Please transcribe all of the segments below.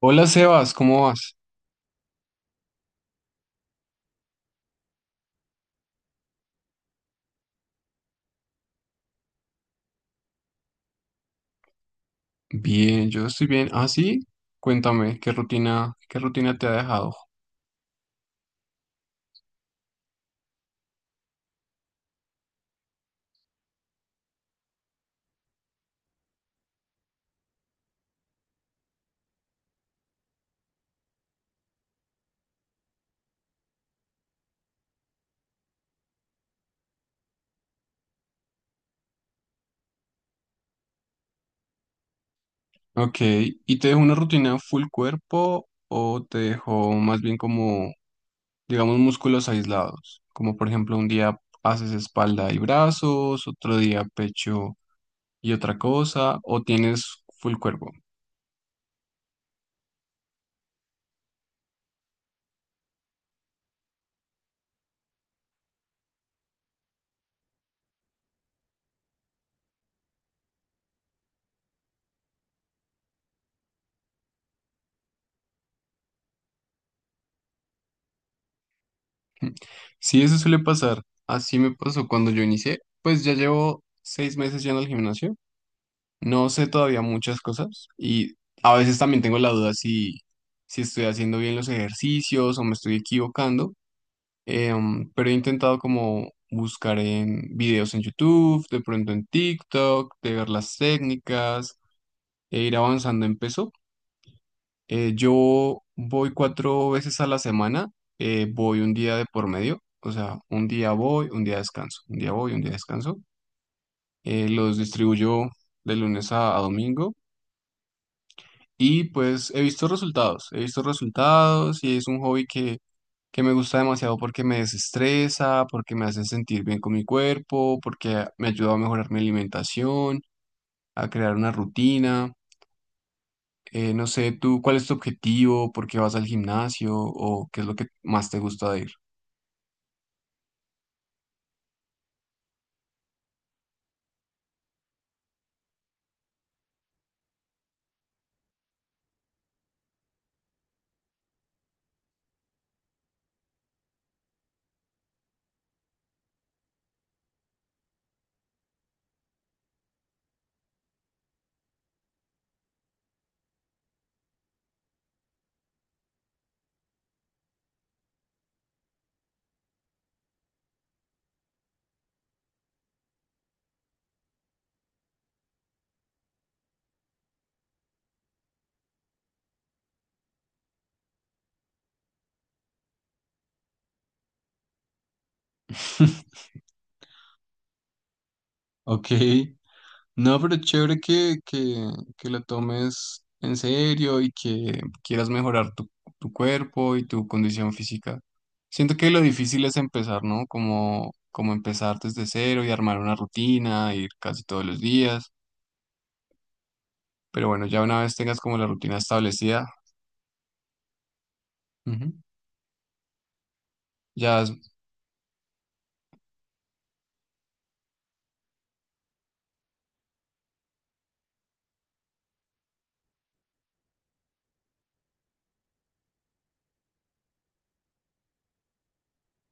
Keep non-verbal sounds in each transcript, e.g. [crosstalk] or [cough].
Hola Sebas, ¿cómo vas? Bien, yo estoy bien. Ah, sí, cuéntame, ¿qué rutina te ha dejado? Ok, ¿y te dejó una rutina full cuerpo o te dejó más bien como, digamos, músculos aislados? Como por ejemplo, un día haces espalda y brazos, otro día pecho y otra cosa, o tienes full cuerpo. [laughs] Sí, eso suele pasar. Así me pasó cuando yo inicié, pues ya llevo 6 meses yendo al gimnasio. No sé todavía muchas cosas y a veces también tengo la duda si estoy haciendo bien los ejercicios o me estoy equivocando. Pero he intentado como buscar en videos en YouTube, de pronto en TikTok, de ver las técnicas e ir avanzando en peso. Yo voy 4 veces a la semana. Voy un día de por medio, o sea, un día voy, un día descanso, un día voy, un día descanso. Los distribuyo de lunes a domingo. Y pues he visto resultados y es un hobby que me gusta demasiado porque me desestresa, porque me hace sentir bien con mi cuerpo, porque me ayuda a mejorar mi alimentación, a crear una rutina. No sé, tú, ¿cuál es tu objetivo? ¿Por qué vas al gimnasio? ¿O qué es lo que más te gusta de ir? [laughs] Ok. No, pero chévere que lo tomes en serio y que quieras mejorar tu cuerpo y tu condición física. Siento que lo difícil es empezar, ¿no? Como empezar desde cero y armar una rutina, ir casi todos los días. Pero bueno, ya una vez tengas como la rutina establecida, ujú, ya,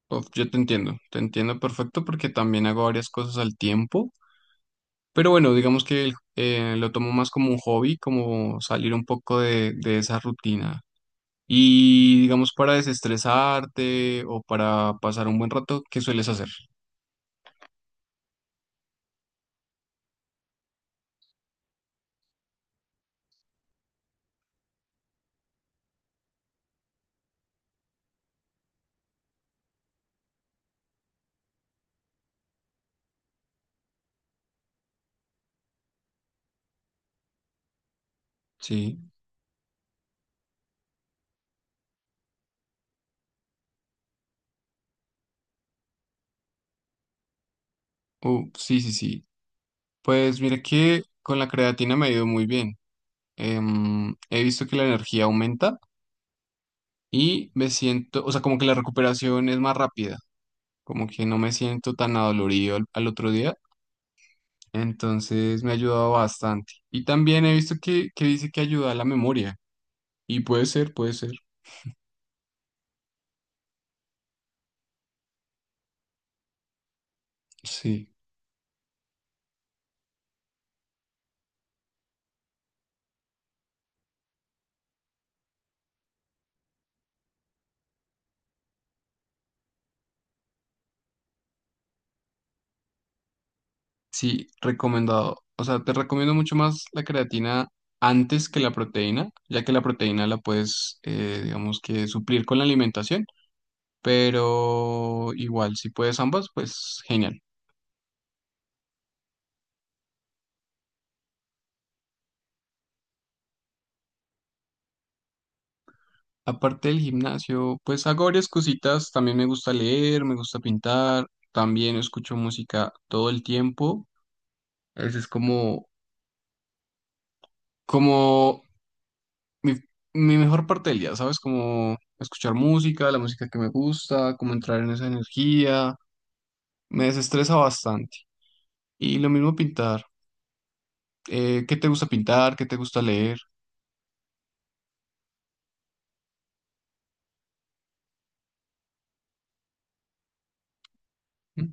uf, yo te entiendo perfecto porque también hago varias cosas al tiempo. Pero bueno, digamos que lo tomo más como un hobby, como salir un poco de esa rutina. Y digamos para desestresarte o para pasar un buen rato, ¿qué sueles hacer? Sí. Sí, sí, sí. Pues mira que con la creatina me ha ido muy bien. He visto que la energía aumenta y me siento, o sea, como que la recuperación es más rápida, como que no me siento tan adolorido al otro día. Entonces me ha ayudado bastante. Y también he visto que dice que ayuda a la memoria. Y puede ser, puede ser. Sí. Sí, recomendado. O sea, te recomiendo mucho más la creatina antes que la proteína, ya que la proteína la puedes, digamos que suplir con la alimentación, pero igual, si puedes ambas, pues genial. Aparte del gimnasio, pues hago varias cositas. También me gusta leer, me gusta pintar, también escucho música todo el tiempo. Ese es como, como mi, mi mejor parte del día, ¿sabes? Como escuchar música, la música que me gusta, como entrar en esa energía. Me desestresa bastante. Y lo mismo pintar. ¿Qué te gusta pintar? ¿Qué te gusta leer? ¿Mm?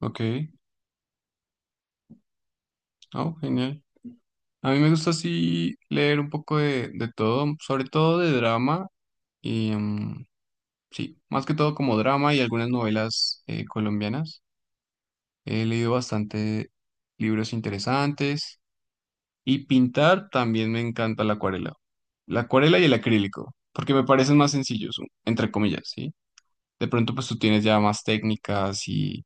Ok, oh, genial. A mí me gusta así leer un poco de todo, sobre todo de drama y mm, sí, más que todo como drama y algunas novelas colombianas. He leído bastante libros interesantes y pintar también me encanta la acuarela. La acuarela y el acrílico, porque me parecen más sencillos, entre comillas, sí. De pronto, pues tú tienes ya más técnicas y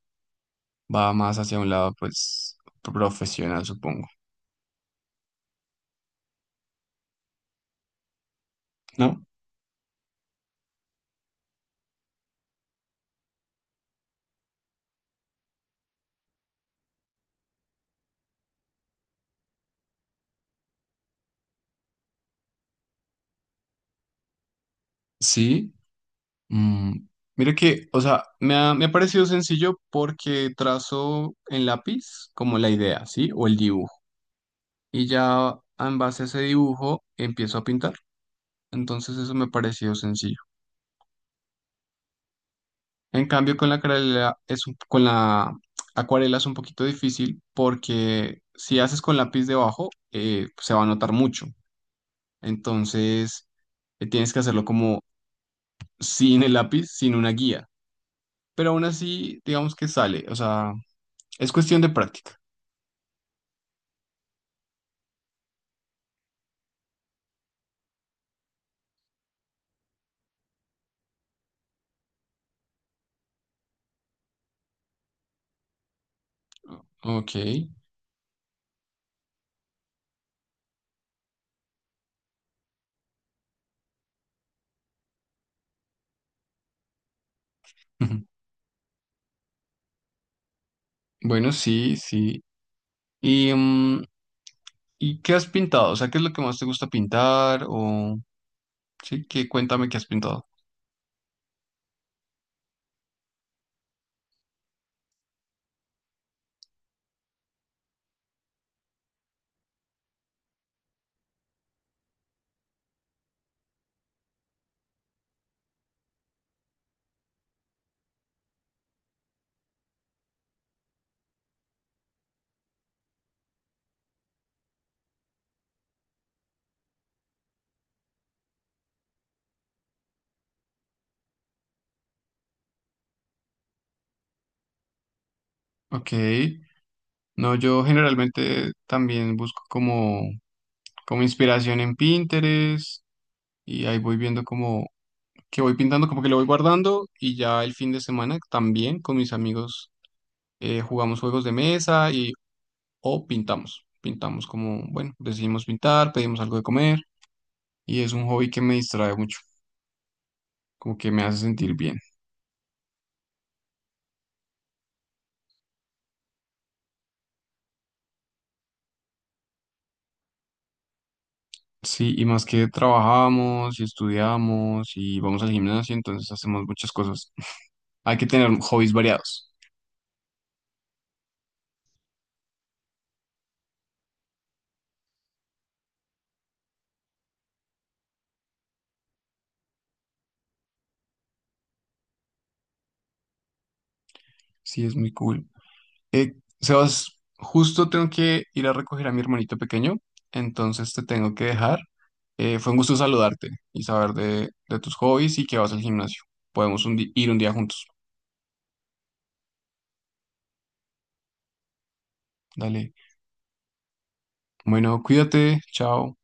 va más hacia un lado, pues, profesional, supongo, ¿no? Sí. Mm, mira que me ha parecido sencillo porque trazo en lápiz como la idea, ¿sí? O el dibujo. Y ya en base a ese dibujo empiezo a pintar. Entonces eso me ha parecido sencillo. En cambio, con la acuarela es un poquito difícil porque si haces con lápiz debajo, se va a notar mucho. Entonces, tienes que hacerlo como sin el lápiz, sin una guía. Pero aún así, digamos que sale. O sea, es cuestión de práctica. Ok. [laughs] Bueno, sí, sí. ¿Y, mm, ¿y qué has pintado? O sea, ¿qué es lo que más te gusta pintar? O sí, que cuéntame qué has pintado. Ok. No, yo generalmente también busco como, como inspiración en Pinterest y ahí voy viendo como que voy pintando, como que lo voy guardando y ya el fin de semana también con mis amigos jugamos juegos de mesa y o pintamos. Pintamos como, bueno, decidimos pintar, pedimos algo de comer y es un hobby que me distrae mucho, como que me hace sentir bien. Sí, y más que trabajamos y estudiamos y vamos al gimnasio, entonces hacemos muchas cosas. Hay que tener hobbies variados. Sí, es muy cool. Eh, Sebas, justo tengo que ir a recoger a mi hermanito pequeño, entonces te tengo que dejar. Fue un gusto saludarte y saber de tus hobbies y que vas al gimnasio. Podemos ir un día juntos. Dale. Bueno, cuídate. Chao.